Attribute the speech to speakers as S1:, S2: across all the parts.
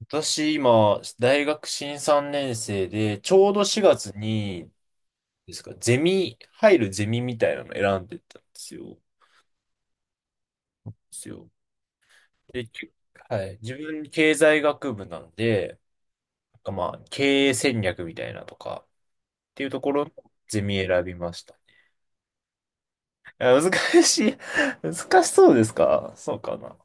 S1: 私、今、大学新3年生で、ちょうど4月に、ですか、ゼミ、入るゼミみたいなの選んでたんですよ。すよ。で、はい。自分、経済学部なんで、なんかまあ、経営戦略みたいなとか、っていうところのゼミ選びました。あ、難しい。難しそうですか？そうかな。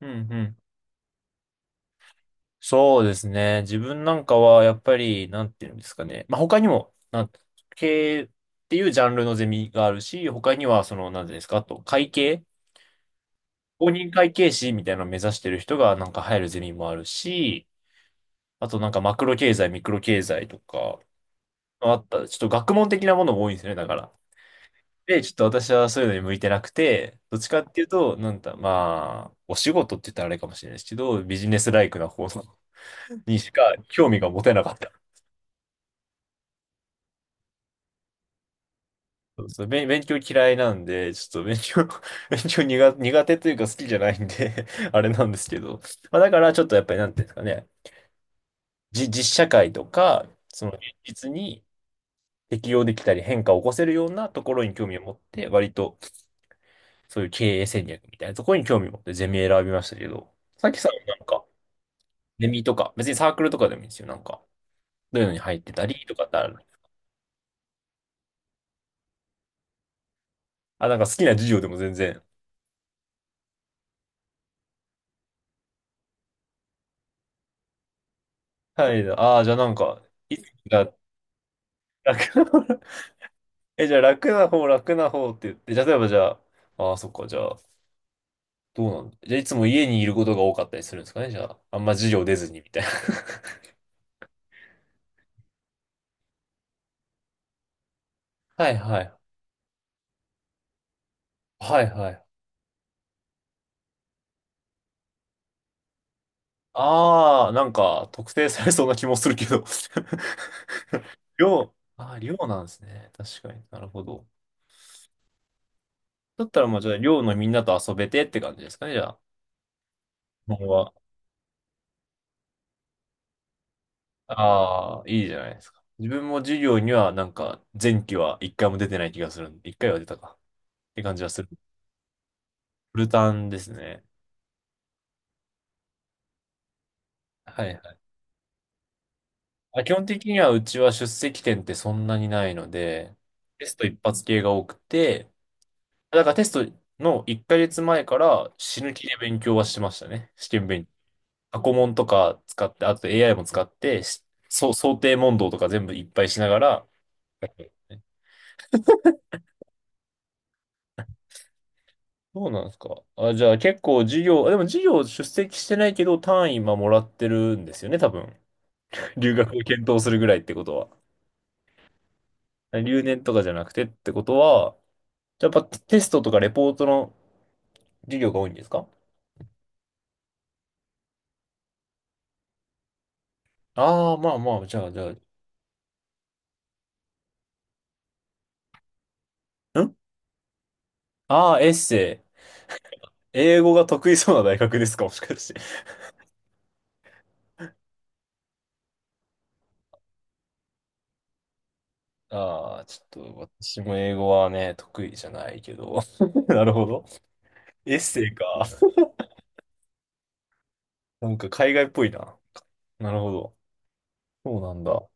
S1: うんうん、そうですね。自分なんかは、やっぱり、なんていうんですかね。まあ、他にも、経営っていうジャンルのゼミがあるし、他には、その、なんていうんですか、あと、会計、公認会計士みたいなのを目指してる人が、なんか入るゼミもあるし、あと、なんか、マクロ経済、ミクロ経済とか、まあ、ちょっと学問的なものも多いんですよね、だから。で、ちょっと私はそういうのに向いてなくて、どっちかっていうと、なんだ、まあ、お仕事って言ったらあれかもしれないですけど、ビジネスライクな方にしか興味が持てなかった。そうそう、勉強嫌いなんで、ちょっと勉強 勉強苦手というか好きじゃないんで あれなんですけど。まあ、だからちょっとやっぱりなんていうんですかね、実社会とか、その現実に適応できたり変化を起こせるようなところに興味を持って、割とそういう経営戦略みたいなところに興味を持ってゼミ選びましたけど、さっきさ、なんか、ゼミとか、別にサークルとかでもいいんですよ。なんか、どういうのに入ってたりとかってあるの？あ、なんか好きな授業でも全然。はい。ああ、じゃあなんか、いつが、え、じゃあ楽な方、楽な方って言って、じゃあ例えばじゃあ、ああ、そっか、じゃあ、どうなんだ。じゃあいつも家にいることが多かったりするんですかね、じゃあ。あんま授業出ずにみたいな。はいはい。はいはい。ああ、なんか特定されそうな気もするけど 寮、ああ、寮なんですね。確かに、なるほど。だったらまあじゃあ寮のみんなと遊べてって感じですかね、じゃあ。今後は。ああ、いいじゃないですか。自分も授業にはなんか前期は一回も出てない気がするんで、一回は出たかって感じはする。フルタンですね。はいはい。まあ、基本的にはうちは出席点ってそんなにないので、テスト一発系が多くて、だからテストの1ヶ月前から死ぬ気で勉強はしてましたね。試験勉強。過去問とか使って、あと AI も使って、そう、想定問答とか全部いっぱいしながら、そうなんですか。あ、じゃあ結構授業、あでも授業出席してないけど単位今もらってるんですよね、多分。留学を検討するぐらいってことは。留年とかじゃなくてってことは、やっぱテストとかレポートの授業が多いんですか？ああー、まあまあ、じゃあ、ん、ああー、エッセイ。英語が得意そうな大学ですか、もしかして？ああ、ちょっと、私も英語はね、得意じゃないけど。なるほど。エッセイか。なんか海外っぽいな。なるほど。そうなんだ。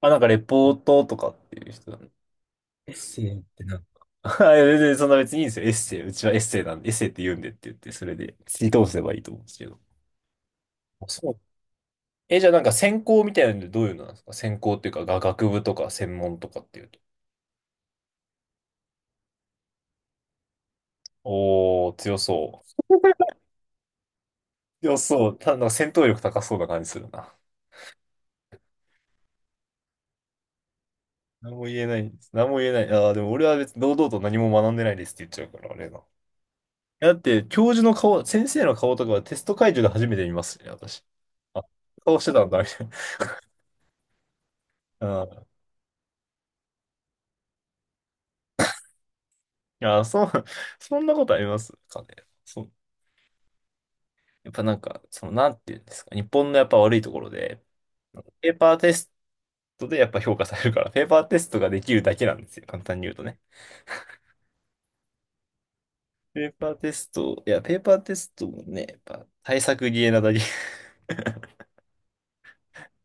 S1: あ、なんかレポートとかっていう人だね。エッセイってなんか。はい、全然そんな別にいいんですよ。エッセイ。うちはエッセイなんで、エッセイって言うんでって言って、それで、追通せばいいと思うんですけど。そう、え、じゃあなんか専攻みたいなのでどういうのなんですか？専攻っていうか、学部とか専門とかっていうと。おー、強そう。強そう。ただ、なんか戦闘力高そうな感じするな。何も言えない。何も言えない。ああ、でも俺は別に堂々と何も学んでないですって言っちゃうから、あれな。だって、教授の顔、先生の顔とかはテスト会場で初めて見ますね、私。あ、顔してたんだ、みたいな。うん。いや、そう、そんなことありますかね。そう。やっぱなんか、その、なんていうんですか。日本のやっぱ悪いところで、ペーパーテストでやっぱ評価されるから、ペーパーテストができるだけなんですよ。簡単に言うとね。ペーパーテスト、いや、ペーパーテストもね、やっぱ対策ゲーなだけ。い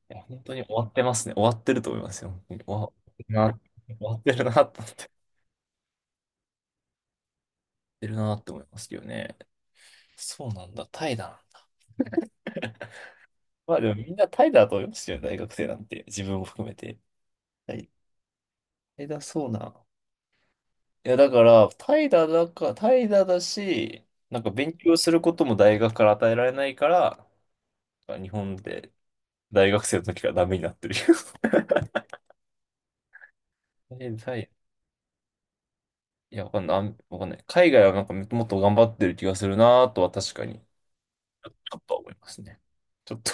S1: や、本当に終わってますね。終わってると思いますよ。本当に終わってるな、終わってるなと思って。終わってるなって思いますけどね。そうなんだ、怠惰なんだ。まあでもみんな怠惰だと思いますよね、大学生なんて。自分も含めて。怠怠惰そうな。いや、だから、怠惰だし、なんか勉強することも大学から与えられないから、日本で大学生の時からダメになってるよ。え、いや、わかんない。わかんない。海外はなんかもっと頑張ってる気がするなとは確かに、ちょっとは思いますね。ちょっと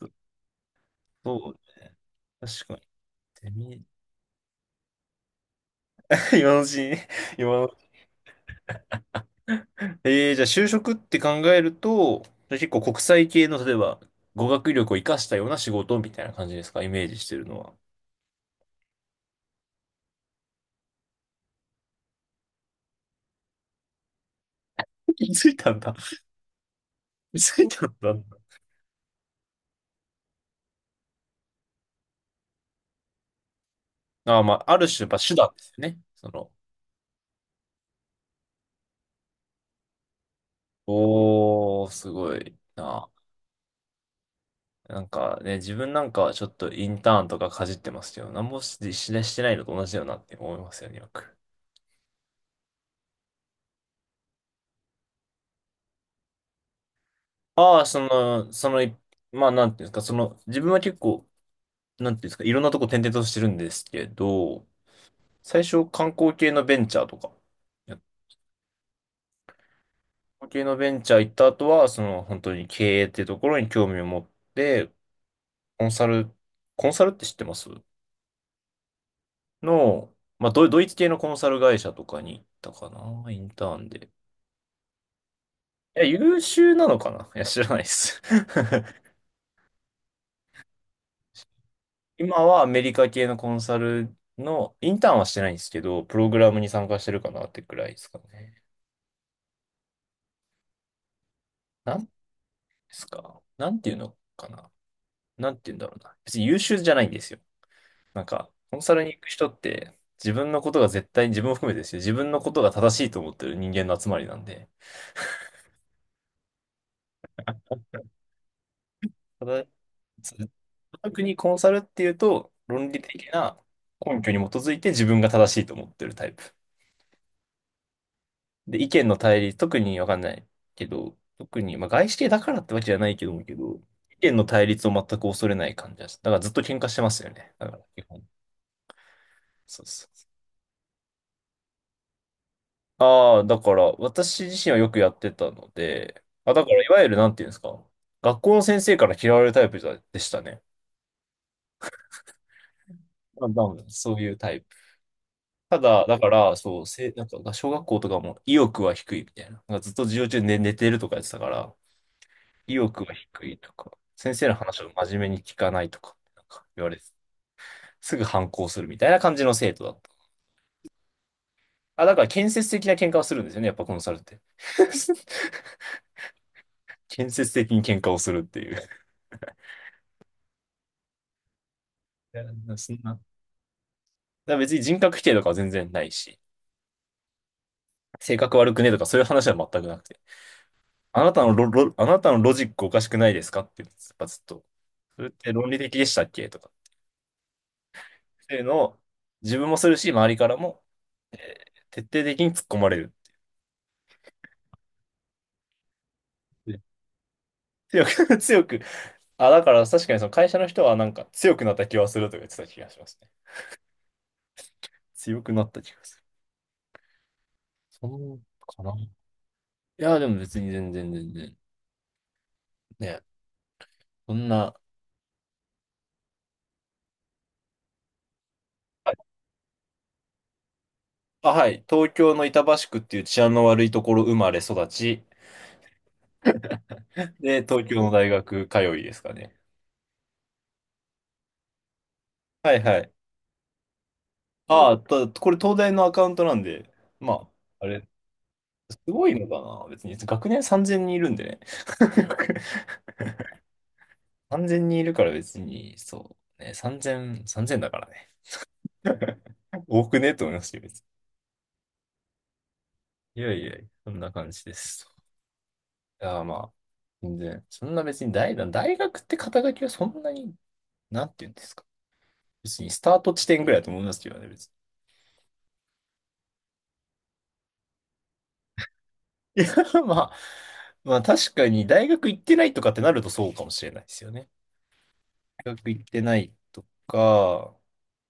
S1: そうね。確かに。ゼミ 今のうちにね、今のうちに。じゃあ就職って考えると、じゃあ結構国際系の、例えば、語学力を活かしたような仕事みたいな感じですか、イメージしてるのは。気づいたんだ。気づいたんだ。ああ、まあ、ある種、やっぱ手段ですよね。その、おー、すごいな。なんかね、自分なんかはちょっとインターンとかかじってますけど、なんもし、ししてないのと同じだよなって思いますよね、よく。ああ、その、まあ、なんていうんですか、その、自分は結構、なんていうんですか、いろんなとこ転々としてるんですけど、最初観光系のベンチャーとか、や観光系のベンチャー行った後は、その、本当に経営っていうところに興味を持って、コンサル、コンサルって知ってますの？まあ、ドイツ系のコンサル会社とかに行ったかな、インターンで。いや、優秀なのかな、いや、知らないです。今はアメリカ系のコンサルの、インターンはしてないんですけど、プログラムに参加してるかなってくらいですかね。なんですか、なんていうのかな、なんていうんだろうな。別に優秀じゃないんですよ。なんか、コンサルに行く人って、自分のことが絶対に、自分を含めてですよ。自分のことが正しいと思ってる人間の集まりなんで。ただ、つ特にコンサルっていうと、論理的な根拠に基づいて自分が正しいと思ってるタイプ。で、意見の対立、特にわかんないけど、特に、まあ、外資系だからってわけじゃないけども、意見の対立を全く恐れない感じです。だからずっと喧嘩してますよね。だから、基本。そうそうそう。ああ、だから私自身はよくやってたので、あ、だからいわゆるなんていうんですか、学校の先生から嫌われるタイプでしたね。まあ多分そういうタイプ。ただ、だから、そう、なんか、小学校とかも意欲は低いみたいな。なんかずっと授業中寝てるとかやってたから、意欲が低いとか、先生の話を真面目に聞かないとか、なんか言われて、すぐ反抗するみたいな感じの生徒だった。あ、だから建設的な喧嘩をするんですよね、やっぱコンサルって。建設的に喧嘩をするっていう。いや、そんな。だから別に人格否定とかは全然ないし、性格悪くねとかそういう話は全くなくて、あなたのあなたのロジックおかしくないですかって、やっぱずっと、それって論理的でしたっけとか、っていうのを自分もするし、周りからも、え徹底的に突っ込まれる。で強く、強く、あ、だから確かにその会社の人はなんか強くなった気はするとか言ってた気がしますね。強くなった気がする。そうかな。いや、でも別に全然全然。ね、そんな。はい、あ、はい。東京の板橋区っていう治安の悪いところ生まれ育ち。で、東京の大学通いですかね。はいはい。ああ、これ東大のアカウントなんで、まあ、あれ、すごいのかな。別に学年3000人いるんでね。3000人いるから別に、そう。ね、3000、3000だからね。多くねと思いましたよ、別に。いやいやいや、そんな感じです。いや、まあ、全然、そんな別に大学って肩書きはそんなに、なんて言うんですか。別にスタート地点ぐらいだと思いますけどね、別に。まあ、まあ確かに大学行ってないとかってなるとそうかもしれないですよね。大学行ってないとか、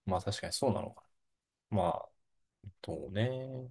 S1: まあ確かにそうなのかな。まあ、そうね。